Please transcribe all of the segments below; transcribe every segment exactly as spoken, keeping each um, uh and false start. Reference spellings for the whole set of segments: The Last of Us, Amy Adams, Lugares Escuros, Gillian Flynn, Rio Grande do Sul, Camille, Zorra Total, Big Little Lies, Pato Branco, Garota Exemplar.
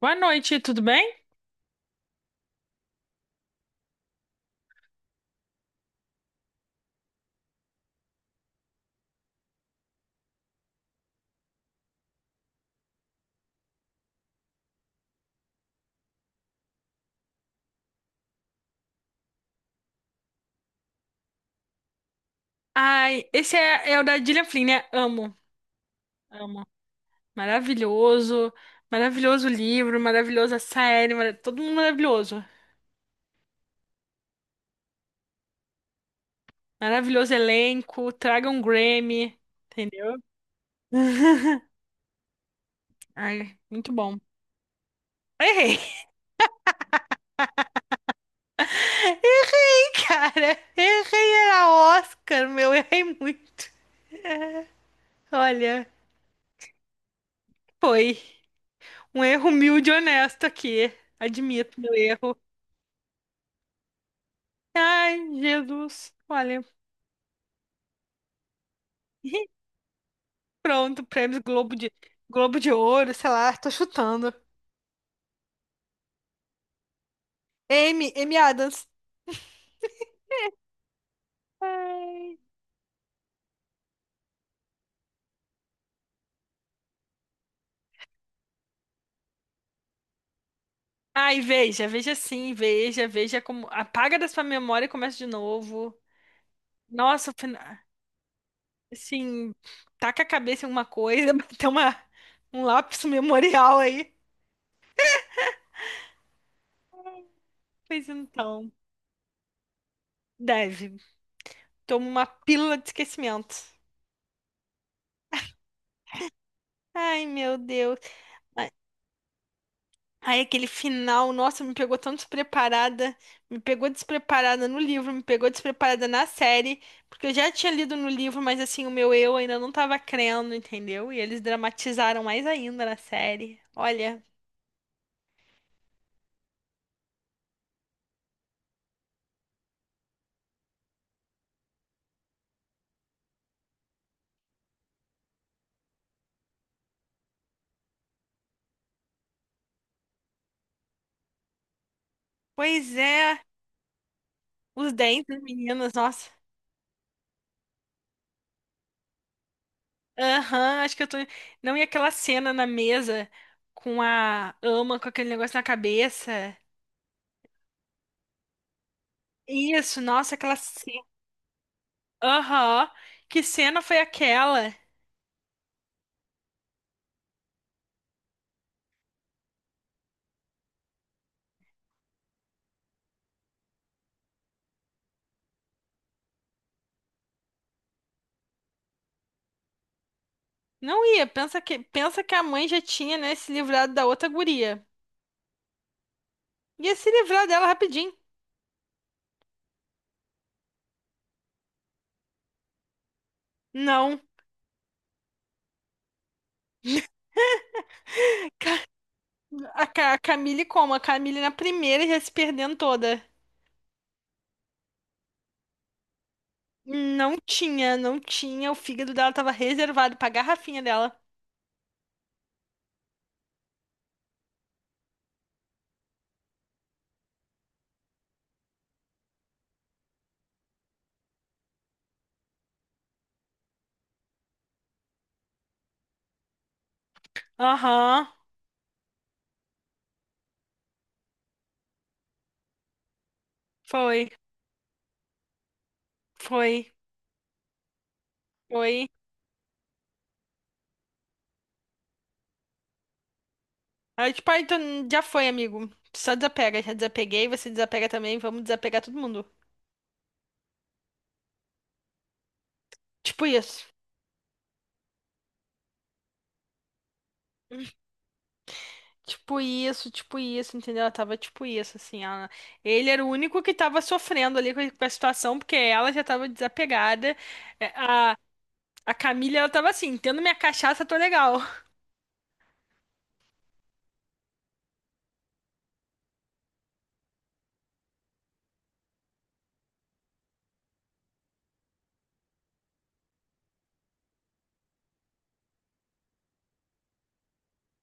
Boa noite, tudo bem? Ai, esse é, é o da Gillian Flynn, né? Amo, amo. Maravilhoso, maravilhoso livro, maravilhosa série, mara- todo mundo maravilhoso. Maravilhoso elenco, traga um Grammy, entendeu? Ai, muito bom. Errei! Errei, cara! Errei, era Oscar, meu, errei muito. Olha, foi um erro humilde e honesto aqui. Admito meu erro. Ai, Jesus, olha. Pronto, prêmios Globo de Globo de Ouro, sei lá, tô chutando. Amy, Amy Adams. Ai, veja, veja sim, veja, veja como apaga da sua memória e começa de novo. Nossa, o fina- assim, taca a cabeça em uma coisa, tem uma um lápis memorial aí. Pois então, deve. Toma uma pílula de esquecimento. Ai, meu Deus. Aí aquele final, nossa, me pegou tão despreparada, me pegou despreparada no livro, me pegou despreparada na série, porque eu já tinha lido no livro, mas assim, o meu eu ainda não tava crendo, entendeu? E eles dramatizaram mais ainda na série. Olha, pois é, os dentes das meninas, nossa. Aham, acho que eu tô. Não, e aquela cena na mesa com a ama com aquele negócio na cabeça. Isso, nossa, aquela cena. Aham, que cena foi aquela? Não ia, pensa que, pensa que a mãe já tinha, né, se livrado da outra guria. Ia se livrar dela rapidinho. Não, a, Ca- a Camille como? A Camille na primeira já se perdendo toda. Não tinha, não tinha. O fígado dela tava reservado pra garrafinha dela. Aham, foi, foi, foi. Aí, tipo, ah, então já foi, amigo. Só desapega, já desapeguei, você desapega também, vamos desapegar todo mundo. Tipo isso. Tipo isso, tipo isso, entendeu? Ela tava tipo isso, assim, ela... Ele era o único que tava sofrendo ali com a com a situação, porque ela já tava desapegada. É, A, a Camila, ela tava assim, tendo minha cachaça, tô legal.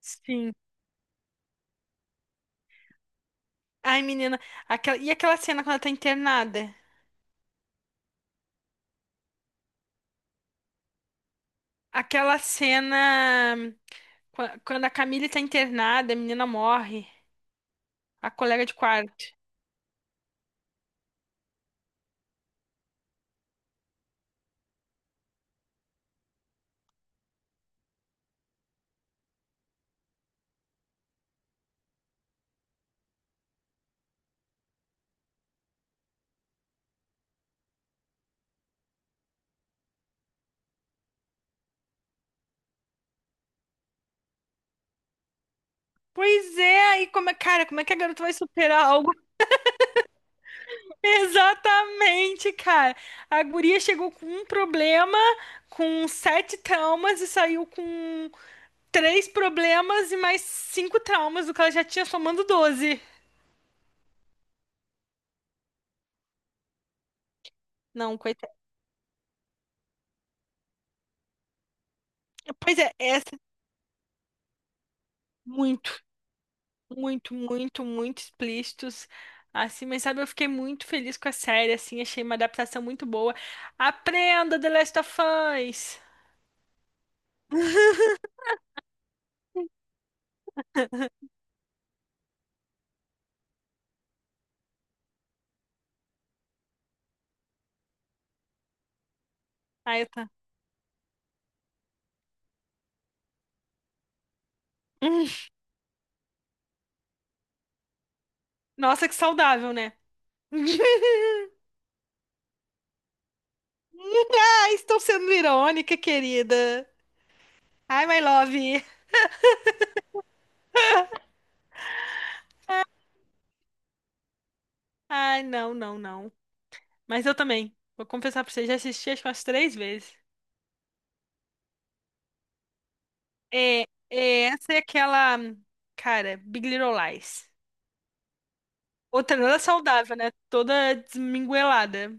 Sim. Ai, menina, aquela... e aquela cena quando ela tá internada? Aquela cena qua- quando a Camila tá internada, a menina morre, a colega de quarto. Pois é, aí como é, cara, como é que a garota vai superar algo? Exatamente, cara. A guria chegou com um problema, com sete traumas e saiu com três problemas e mais cinco traumas, o que ela já tinha somando doze. Não, coitada. Pois é, essa é muito, muito, muito, muito explícitos. Assim, mas sabe, eu fiquei muito feliz com a série, assim, achei uma adaptação muito boa. Aprenda, The Last of Us. Aí tá. Hum, Nossa, que saudável, né? Ah, estou sendo irônica, querida. Ai, my love. Ai, não, não, não. Mas eu também. Vou confessar pra você, já assisti acho que umas três vezes. É, é, essa é aquela, cara, Big Little Lies. Outra nada saudável, né? Toda desminguelada.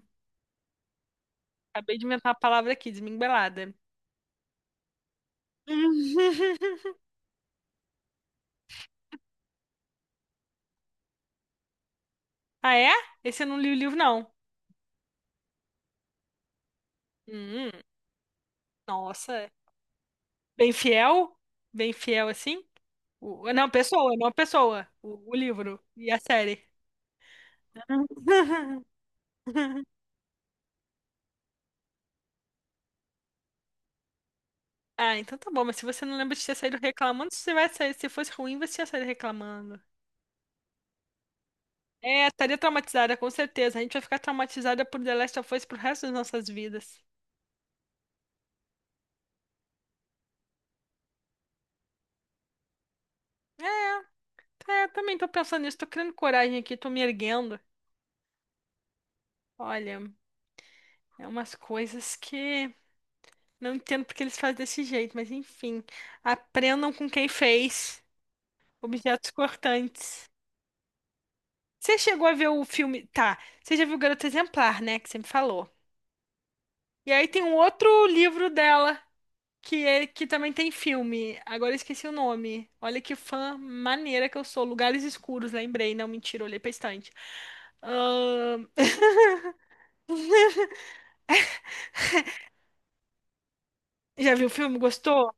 Acabei de inventar a palavra aqui, desminguelada. Ah, é? Esse eu não li o livro, não. Hum, nossa. Bem fiel? Bem fiel assim? O, não, pessoa, não pessoa. O, o livro e a série. Ah, então tá bom, mas se você não lembra de ter saído reclamando, você vai sair. Se fosse ruim, você ia sair reclamando. É, estaria traumatizada, com certeza. A gente vai ficar traumatizada por The Last of Us pro resto das nossas vidas. É, eu também tô pensando nisso, tô criando coragem aqui, tô me erguendo. Olha, é umas coisas que não entendo porque eles fazem desse jeito, mas enfim. Aprendam com quem fez objetos cortantes. Você chegou a ver o filme? Tá, você já viu Garota Exemplar, né? Que você me falou. E aí tem um outro livro dela. Que, é, que também tem filme. Agora eu esqueci o nome. Olha que fã maneira que eu sou. Lugares Escuros, lembrei. Não, mentira, olhei pra estante. Ahn, Já viu o filme? Gostou?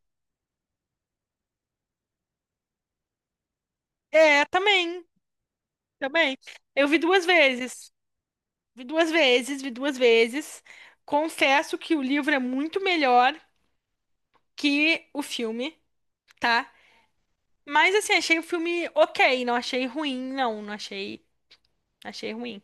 É, também. Também. Eu vi duas vezes. Vi duas vezes, vi duas vezes. Confesso que o livro é muito melhor que o filme, tá? Mas assim, achei o filme ok. Não achei ruim, não. Não achei. Achei ruim.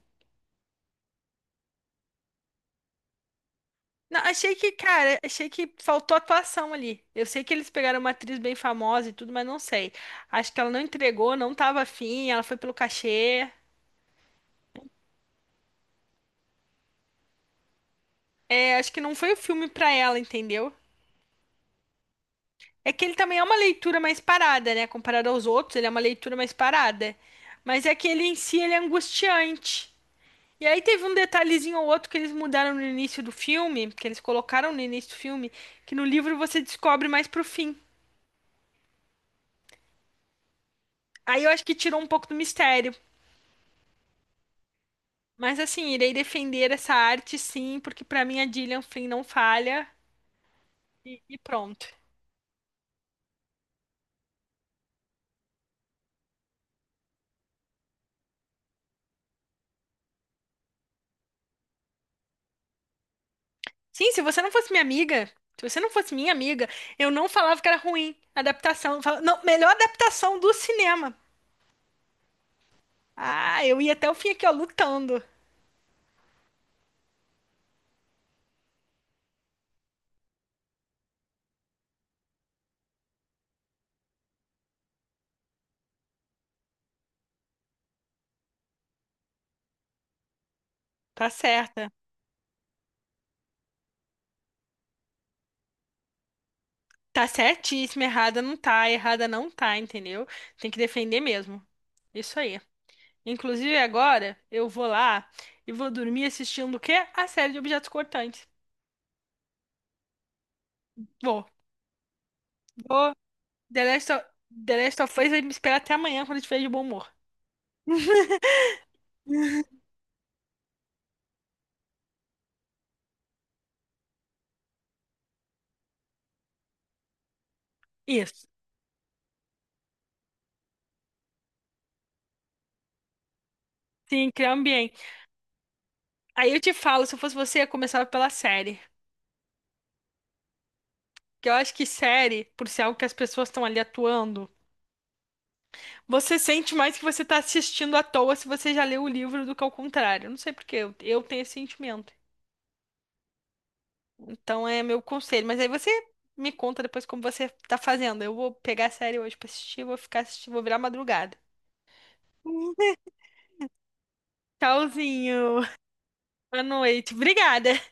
Não, achei que, cara, achei que faltou atuação ali. Eu sei que eles pegaram uma atriz bem famosa e tudo, mas não sei. Acho que ela não entregou, não tava afim, ela foi pelo cachê. É, acho que não foi o filme pra ela, entendeu? É que ele também é uma leitura mais parada, né? Comparado aos outros, ele é uma leitura mais parada. Mas é que ele em si, ele é angustiante. E aí teve um detalhezinho ou outro que eles mudaram no início do filme, que eles colocaram no início do filme, que no livro você descobre mais pro fim. Aí eu acho que tirou um pouco do mistério. Mas assim, irei defender essa arte sim, porque pra mim a Gillian Flynn não falha e, e pronto. Sim, se você não fosse minha amiga, se você não fosse minha amiga, eu não falava que era ruim a adaptação. Eu falava, não, melhor adaptação do cinema. Ah, eu ia até o fim aqui, ó, lutando. Tá certa. Tá certíssima, errada não tá, errada não tá, entendeu? Tem que defender mesmo. Isso aí. Inclusive agora eu vou lá e vou dormir assistindo o quê? A série de objetos cortantes. Vou. Vou The Last of, The Last of Us vai me esperar até amanhã quando eu estiver de bom humor. Isso. Sim, criar ambiente. Aí eu te falo, se eu fosse você, eu começava pela série. Porque eu acho que série, por ser algo que as pessoas estão ali atuando, você sente mais que você tá assistindo à toa se você já leu o livro do que ao contrário. Não sei por quê, eu, eu tenho esse sentimento. Então é meu conselho. Mas aí você me conta depois como você tá fazendo. Eu vou pegar a série hoje pra assistir, vou ficar assistindo, vou virar madrugada. Tchauzinho. Boa noite. Obrigada.